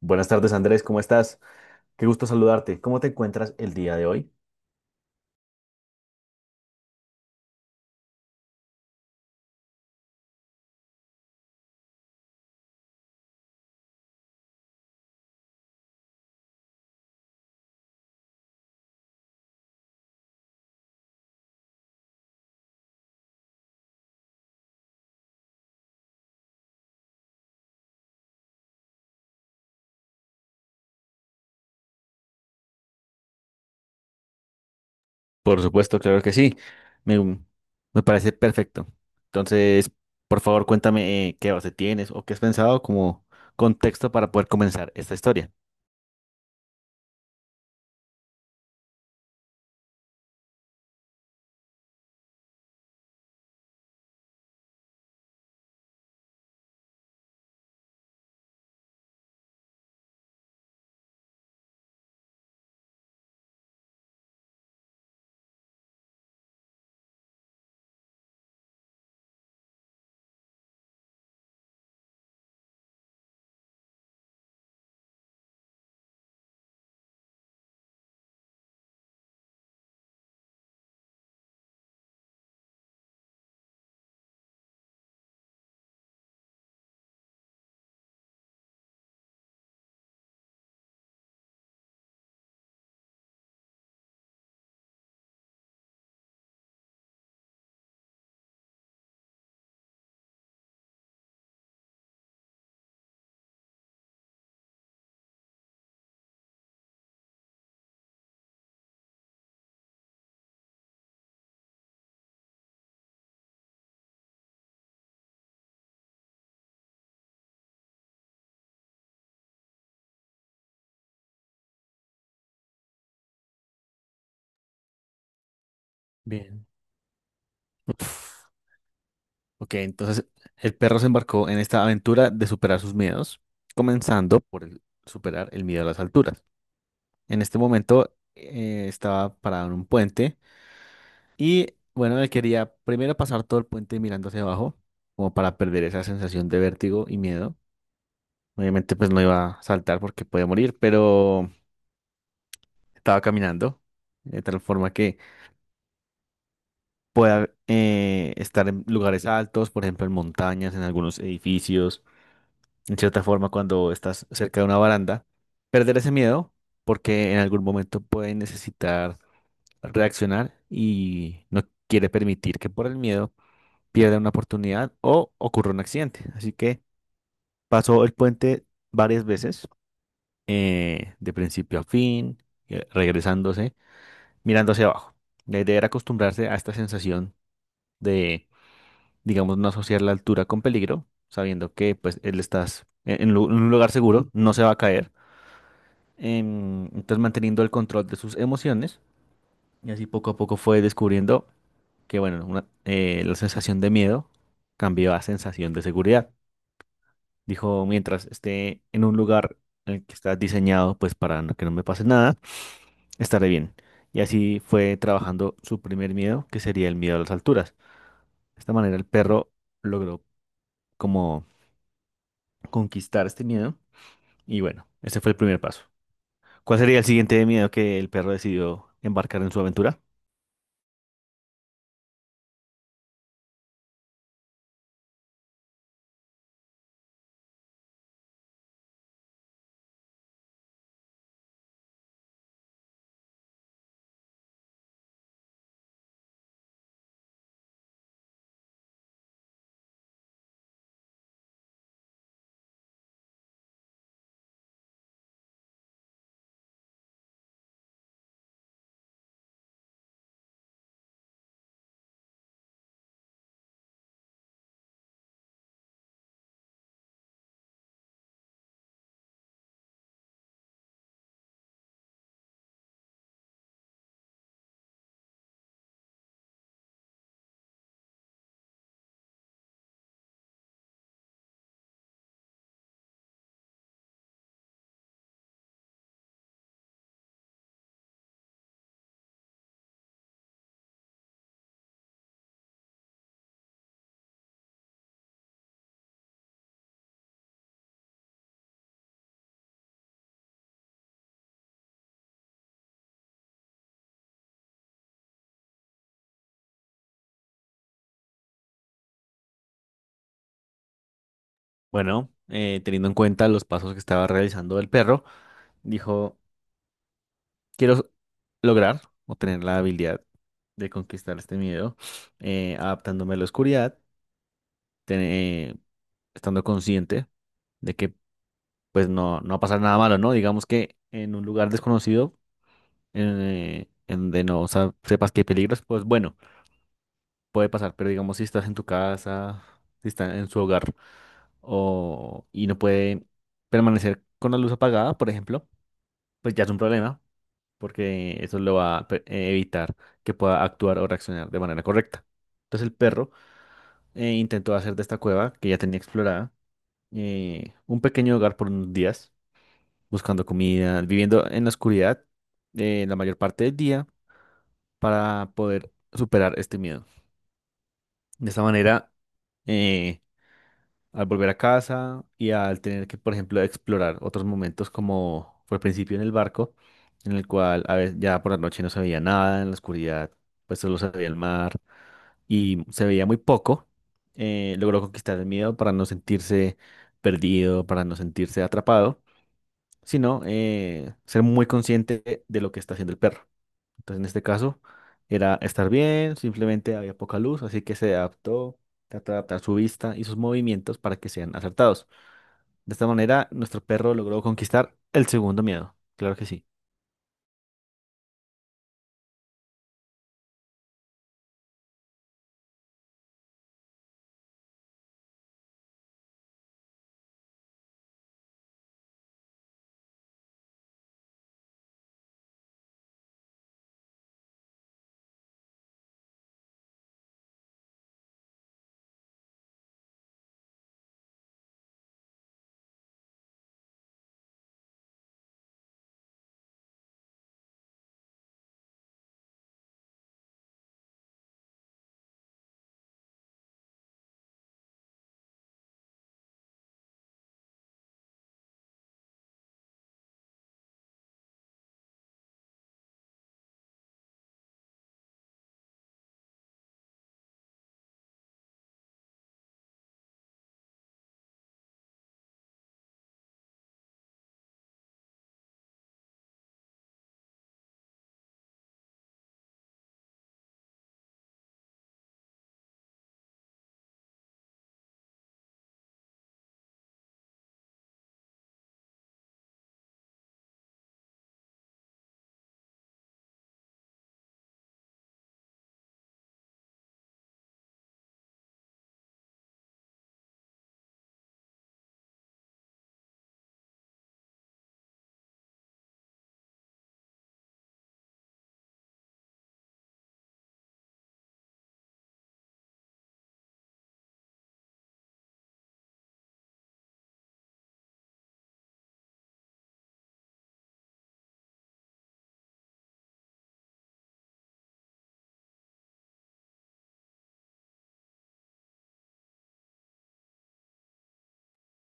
Buenas tardes, Andrés, ¿cómo estás? Qué gusto saludarte. ¿Cómo te encuentras el día de hoy? Por supuesto, claro que sí. Me, mm, Me parece perfecto. Entonces, por favor, cuéntame qué base tienes o qué has pensado como contexto para poder comenzar esta historia. Bien. Uf. Ok, entonces el perro se embarcó en esta aventura de superar sus miedos, comenzando por superar el miedo a las alturas. En este momento estaba parado en un puente. Y bueno, él quería primero pasar todo el puente mirando hacia abajo, como para perder esa sensación de vértigo y miedo. Obviamente, pues no iba a saltar porque podía morir, pero estaba caminando de tal forma que pueda estar en lugares altos, por ejemplo, en montañas, en algunos edificios. En cierta forma, cuando estás cerca de una baranda, perder ese miedo porque en algún momento puede necesitar reaccionar y no quiere permitir que por el miedo pierda una oportunidad o ocurra un accidente. Así que pasó el puente varias veces, de principio a fin, regresándose, mirando hacia abajo. La idea era acostumbrarse a esta sensación de, digamos, no asociar la altura con peligro, sabiendo que pues él estás en un lugar seguro, no se va a caer. Entonces manteniendo el control de sus emociones y así poco a poco fue descubriendo que, bueno, la sensación de miedo cambió a sensación de seguridad. Dijo, mientras esté en un lugar en el que está diseñado, pues para no- que no me pase nada, estaré bien. Y así fue trabajando su primer miedo, que sería el miedo a las alturas. De esta manera el perro logró como conquistar este miedo. Y bueno, ese fue el primer paso. ¿Cuál sería el siguiente miedo que el perro decidió embarcar en su aventura? Bueno, teniendo en cuenta los pasos que estaba realizando el perro, dijo, quiero lograr o tener la habilidad de conquistar este miedo, adaptándome a la oscuridad, tene- estando consciente de que pues no va a pasar nada malo, ¿no? Digamos que en un lugar desconocido, en donde no sepas que hay peligros, pues bueno, puede pasar, pero digamos si estás en tu casa, si estás en su hogar y no puede permanecer con la luz apagada, por ejemplo, pues ya es un problema, porque eso lo va a evitar que pueda actuar o reaccionar de manera correcta. Entonces el perro intentó hacer de esta cueva que ya tenía explorada un pequeño hogar por unos días, buscando comida, viviendo en la oscuridad la mayor parte del día para poder superar este miedo. De esta manera, eh, al volver a casa y al tener que, por ejemplo, explorar otros momentos como fue al principio en el barco, en el cual a veces ya por la noche no se veía nada, en la oscuridad pues solo se veía el mar y se veía muy poco, logró conquistar el miedo para no sentirse perdido, para no sentirse atrapado sino ser muy consciente de lo que está haciendo el perro. Entonces, en este caso, era estar bien, simplemente había poca luz, así que se adaptó, trató de adaptar su vista y sus movimientos para que sean acertados. De esta manera, nuestro perro logró conquistar el segundo miedo. Claro que sí.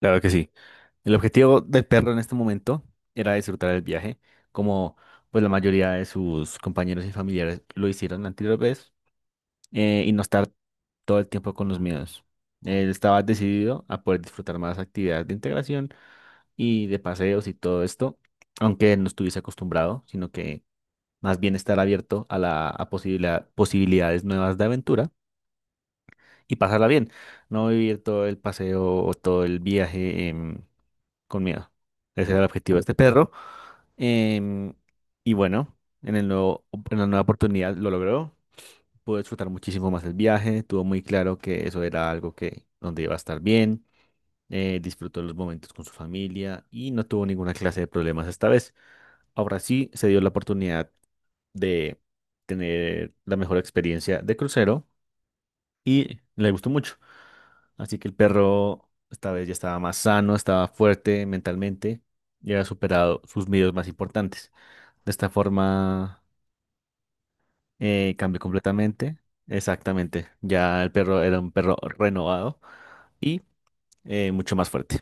Claro que sí. El objetivo del perro en este momento era disfrutar el viaje, como pues la mayoría de sus compañeros y familiares lo hicieron la anterior vez, y no estar todo el tiempo con los miedos. Él estaba decidido a poder disfrutar más actividades de integración y de paseos y todo esto, aunque no estuviese acostumbrado, sino que más bien estar abierto a la posibilidades nuevas de aventura y pasarla bien, no vivir todo el paseo o todo el viaje con miedo. Ese era el objetivo de este perro. em, y bueno, en el en la nueva oportunidad lo logró, pude disfrutar muchísimo más el viaje, tuvo muy claro que eso era algo que donde iba a estar bien, disfrutó los momentos con su familia y no tuvo ninguna clase de problemas esta vez. Ahora sí se dio la oportunidad de tener la mejor experiencia de crucero y le gustó mucho. Así que el perro esta vez ya estaba más sano, estaba fuerte mentalmente y había superado sus miedos más importantes. De esta forma cambió completamente, exactamente. Ya el perro era un perro renovado y mucho más fuerte.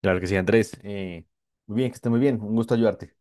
Claro que sí, Andrés. Muy bien, que esté muy bien. Un gusto ayudarte.